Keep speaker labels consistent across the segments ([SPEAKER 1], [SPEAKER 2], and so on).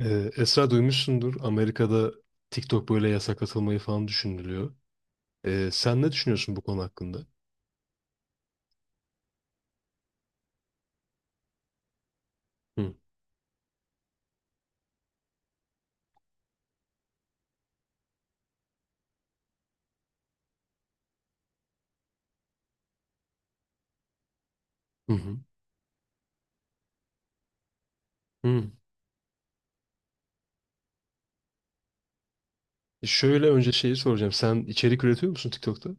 [SPEAKER 1] Esra duymuşsundur. Amerika'da TikTok böyle yasaklatılmayı falan düşünülüyor. Sen ne düşünüyorsun bu konu hakkında? Hı. Hı hı. Hı. Şöyle önce şeyi soracağım. Sen içerik üretiyor musun TikTok'ta?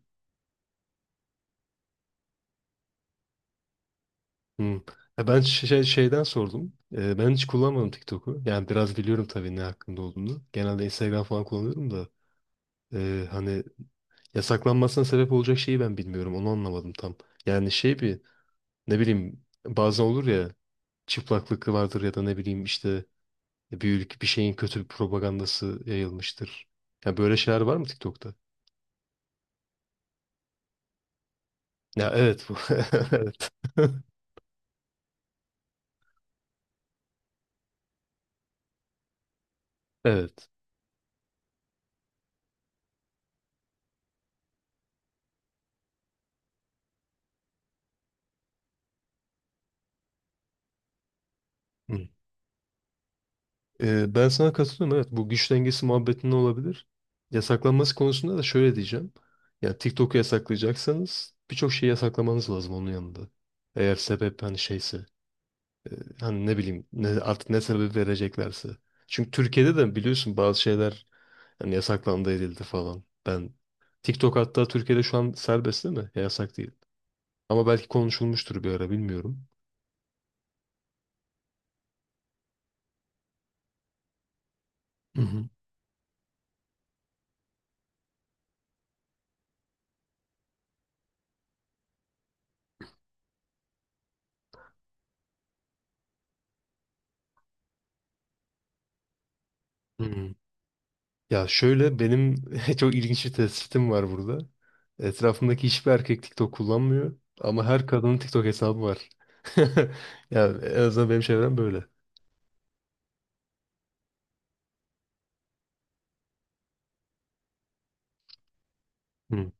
[SPEAKER 1] Hı. Ya ben şey, şeyden sordum. Ben hiç kullanmadım TikTok'u. Yani biraz biliyorum tabii ne hakkında olduğunu. Genelde Instagram falan kullanıyorum da. Hani yasaklanmasına sebep olacak şeyi ben bilmiyorum. Onu anlamadım tam. Yani şey bir, ne bileyim, bazen olur ya, çıplaklık vardır ya da ne bileyim işte bir şeyin kötü bir propagandası yayılmıştır. Ya böyle şeyler var mı TikTok'ta? Ya evet bu. Evet. Evet. Hı. Ben sana katılıyorum. Evet bu güç dengesi muhabbetinde olabilir. Yasaklanması konusunda da şöyle diyeceğim. Ya TikTok'u yasaklayacaksanız birçok şeyi yasaklamanız lazım onun yanında. Eğer sebep hani şeyse, hani ne bileyim ne, artık ne sebep vereceklerse. Çünkü Türkiye'de de biliyorsun bazı şeyler, yani yasaklandı edildi falan. Ben TikTok hatta Türkiye'de şu an serbest değil mi? Ya yasak değil. Ama belki konuşulmuştur bir ara, bilmiyorum. Hı hı. Hı hı. Ya şöyle benim çok ilginç bir tespitim var burada. Etrafımdaki hiçbir erkek TikTok kullanmıyor ama her kadının TikTok hesabı var. Ya en azından benim çevrem böyle. Hı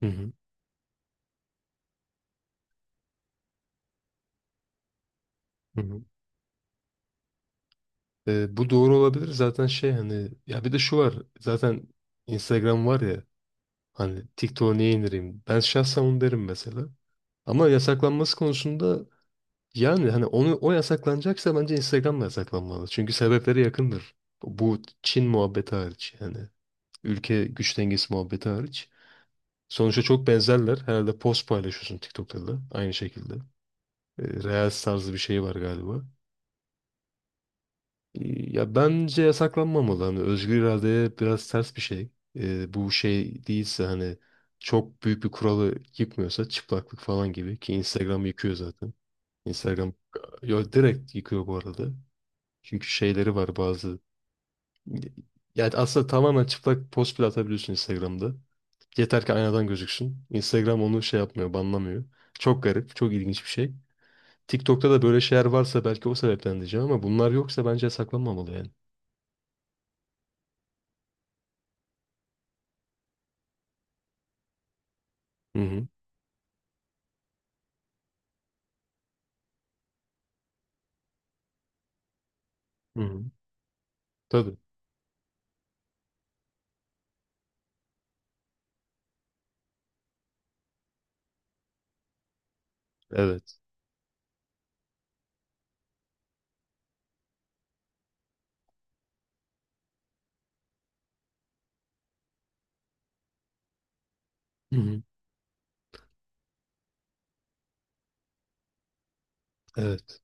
[SPEAKER 1] hı hı. Hı hı. Bu doğru olabilir zaten şey hani, ya bir de şu var, zaten Instagram var ya. Hani TikTok'a niye indireyim? Ben şahsen onu derim mesela. Ama yasaklanması konusunda, yani hani onu o yasaklanacaksa bence Instagram da yasaklanmalı. Çünkü sebepleri yakındır. Bu Çin muhabbeti hariç yani. Ülke güç dengesi muhabbeti hariç. Sonuçta çok benzerler. Herhalde post paylaşıyorsun TikTok'ta da aynı şekilde. E, Reels tarzı bir şey var galiba. Ya bence yasaklanmamalı. Hani özgür iradeye biraz ters bir şey. Bu şey değilse, hani çok büyük bir kuralı yıkmıyorsa, çıplaklık falan gibi, ki Instagram yıkıyor zaten. Instagram, yo, direkt yıkıyor bu arada. Çünkü şeyleri var bazı. Yani aslında tamamen çıplak post bile atabiliyorsun Instagram'da. Yeter ki aynadan gözüksün. Instagram onu şey yapmıyor, banlamıyor. Çok garip, çok ilginç bir şey. TikTok'ta da böyle şeyler varsa belki o sebepten diyeceğim ama bunlar yoksa bence yasaklanmamalı yani. Hı hı. Hı hı. Tabii. Evet. Hı hı. Evet.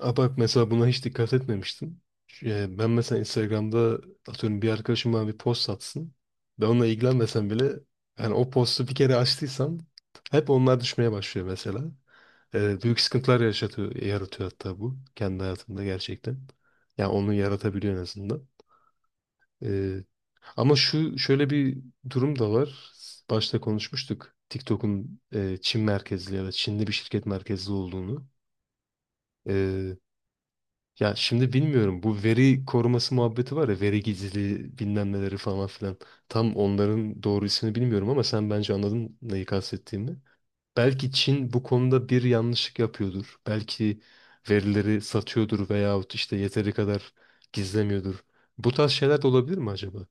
[SPEAKER 1] Aa, bak mesela buna hiç dikkat etmemiştim. Ben mesela Instagram'da atıyorum bir arkadaşım bana bir post atsın. Ben onunla ilgilenmesem bile, yani o postu bir kere açtıysam, hep onlar düşmeye başlıyor mesela. E, büyük sıkıntılar yaşatıyor, yaratıyor hatta bu. Kendi hayatımda gerçekten. Yani onu yaratabiliyor en azından. E, ama şu şöyle bir durum da var. Başta konuşmuştuk. TikTok'un e, Çin merkezli ya da Çinli bir şirket merkezli olduğunu. Ee, Ya şimdi bilmiyorum, bu veri koruması muhabbeti var ya, veri gizliliği bilmem neleri falan filan. Tam onların doğru ismini bilmiyorum ama sen bence anladın neyi kastettiğimi. Belki Çin bu konuda bir yanlışlık yapıyordur. Belki verileri satıyordur veyahut işte yeteri kadar gizlemiyordur. Bu tarz şeyler de olabilir mi acaba?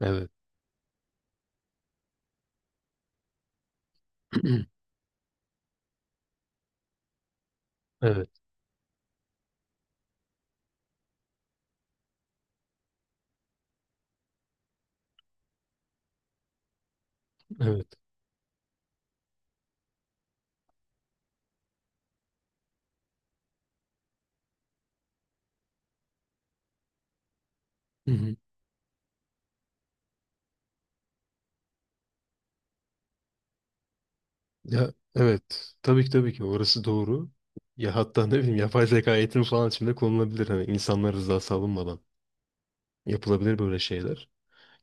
[SPEAKER 1] Evet. Evet. Evet. Hı hı. Ya evet. Tabii ki tabii ki orası doğru. Ya hatta ne bileyim yapay zeka eğitimi falan içinde konulabilir. Hani insanlar rızası alınmadan. Yapılabilir böyle şeyler.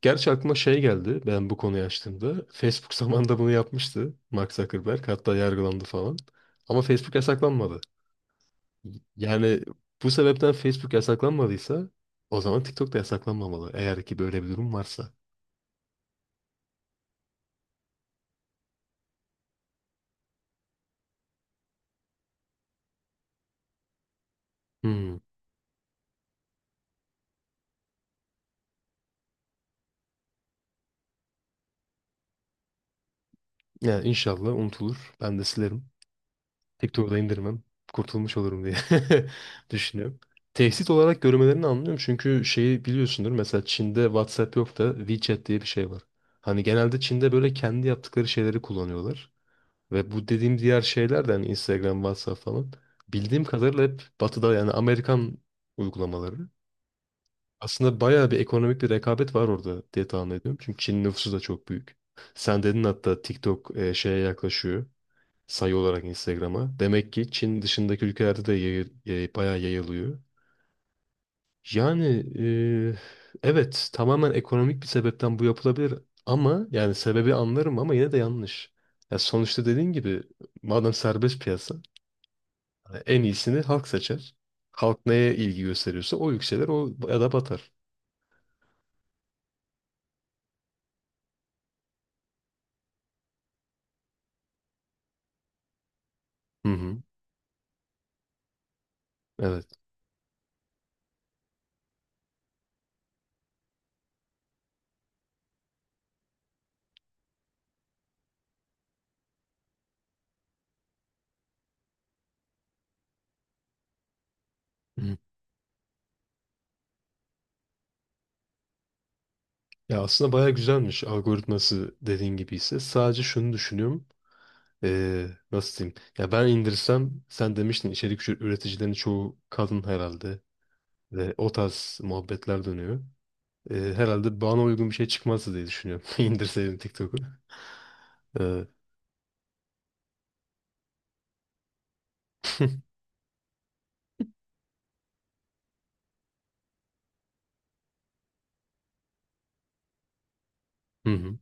[SPEAKER 1] Gerçi aklıma şey geldi ben bu konuyu açtığımda. Facebook zamanında bunu yapmıştı Mark Zuckerberg. Hatta yargılandı falan. Ama Facebook yasaklanmadı. Yani bu sebepten Facebook yasaklanmadıysa o zaman TikTok da yasaklanmamalı. Eğer ki böyle bir durum varsa. Hmm. Yani inşallah unutulur. Ben de silerim. Tek turda indirmem. Kurtulmuş olurum diye düşünüyorum. Tehdit olarak görmelerini anlıyorum. Çünkü şeyi biliyorsundur. Mesela Çin'de WhatsApp yok da WeChat diye bir şey var. Hani genelde Çin'de böyle kendi yaptıkları şeyleri kullanıyorlar. Ve bu dediğim diğer şeyler de hani Instagram, WhatsApp falan. Bildiğim kadarıyla hep Batı'da, yani Amerikan uygulamaları. Aslında bayağı bir ekonomik bir rekabet var orada diye tahmin ediyorum. Çünkü Çin nüfusu da çok büyük. Sen dedin hatta TikTok e, şeye yaklaşıyor, sayı olarak Instagram'a. Demek ki Çin dışındaki ülkelerde de bayağı yayılıyor. Yani e, evet tamamen ekonomik bir sebepten bu yapılabilir ama yani sebebi anlarım ama yine de yanlış. Ya sonuçta dediğin gibi, madem serbest piyasa, hani en iyisini halk seçer. Halk neye ilgi gösteriyorsa o yükselir o ya da batar. Hı hı, evet. Hı. Ya aslında bayağı güzelmiş algoritması dediğin gibi ise, sadece şunu düşünüyorum. Nasıl diyeyim? Ya ben indirsem, sen demiştin içerik üreticilerin çoğu kadın herhalde ve o tarz muhabbetler dönüyor. Herhalde bana uygun bir şey çıkmazdı diye düşünüyorum. İndirseydim TikTok'u. Ee, hı hı.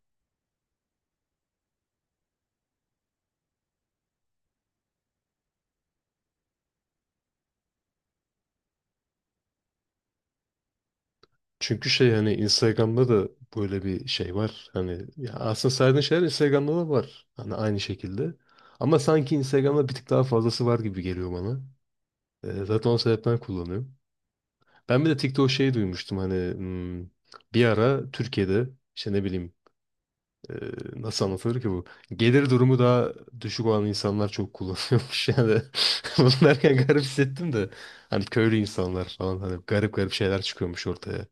[SPEAKER 1] Çünkü şey hani Instagram'da da böyle bir şey var. Hani ya aslında saydığın şeyler Instagram'da da var. Hani aynı şekilde. Ama sanki Instagram'da bir tık daha fazlası var gibi geliyor bana. Zaten o sebepten kullanıyorum. Ben bir de TikTok şeyi duymuştum hani hmm, bir ara Türkiye'de işte ne bileyim, ee, nasıl anlatılır ki bu? Gelir durumu daha düşük olan insanlar çok kullanıyormuş yani. Bunu derken garip hissettim de. Hani köylü insanlar falan, hani garip garip şeyler çıkıyormuş ortaya.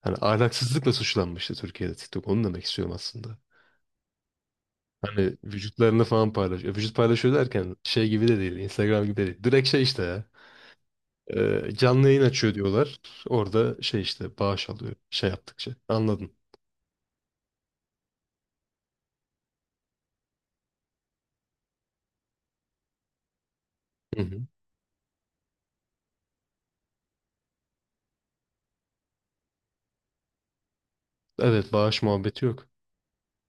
[SPEAKER 1] Hani ahlaksızlıkla suçlanmıştı Türkiye'de TikTok. Onu demek istiyorum aslında. Hani vücutlarını falan paylaşıyor. Vücut paylaşıyor derken şey gibi de değil. Instagram gibi de değil. Direkt şey işte ya. Canlı yayın açıyor diyorlar. Orada şey işte bağış alıyor. Şey yaptıkça. Anladın. Hı hı. Evet bağış muhabbeti yok.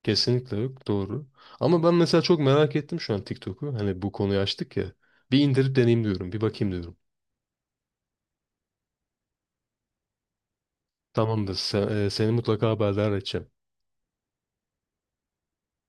[SPEAKER 1] Kesinlikle yok. Doğru. Ama ben mesela çok merak ettim şu an TikTok'u. Hani bu konuyu açtık ya. Bir indirip deneyeyim diyorum. Bir bakayım diyorum. Tamamdır. Sen, e, seni mutlaka haberdar edeceğim.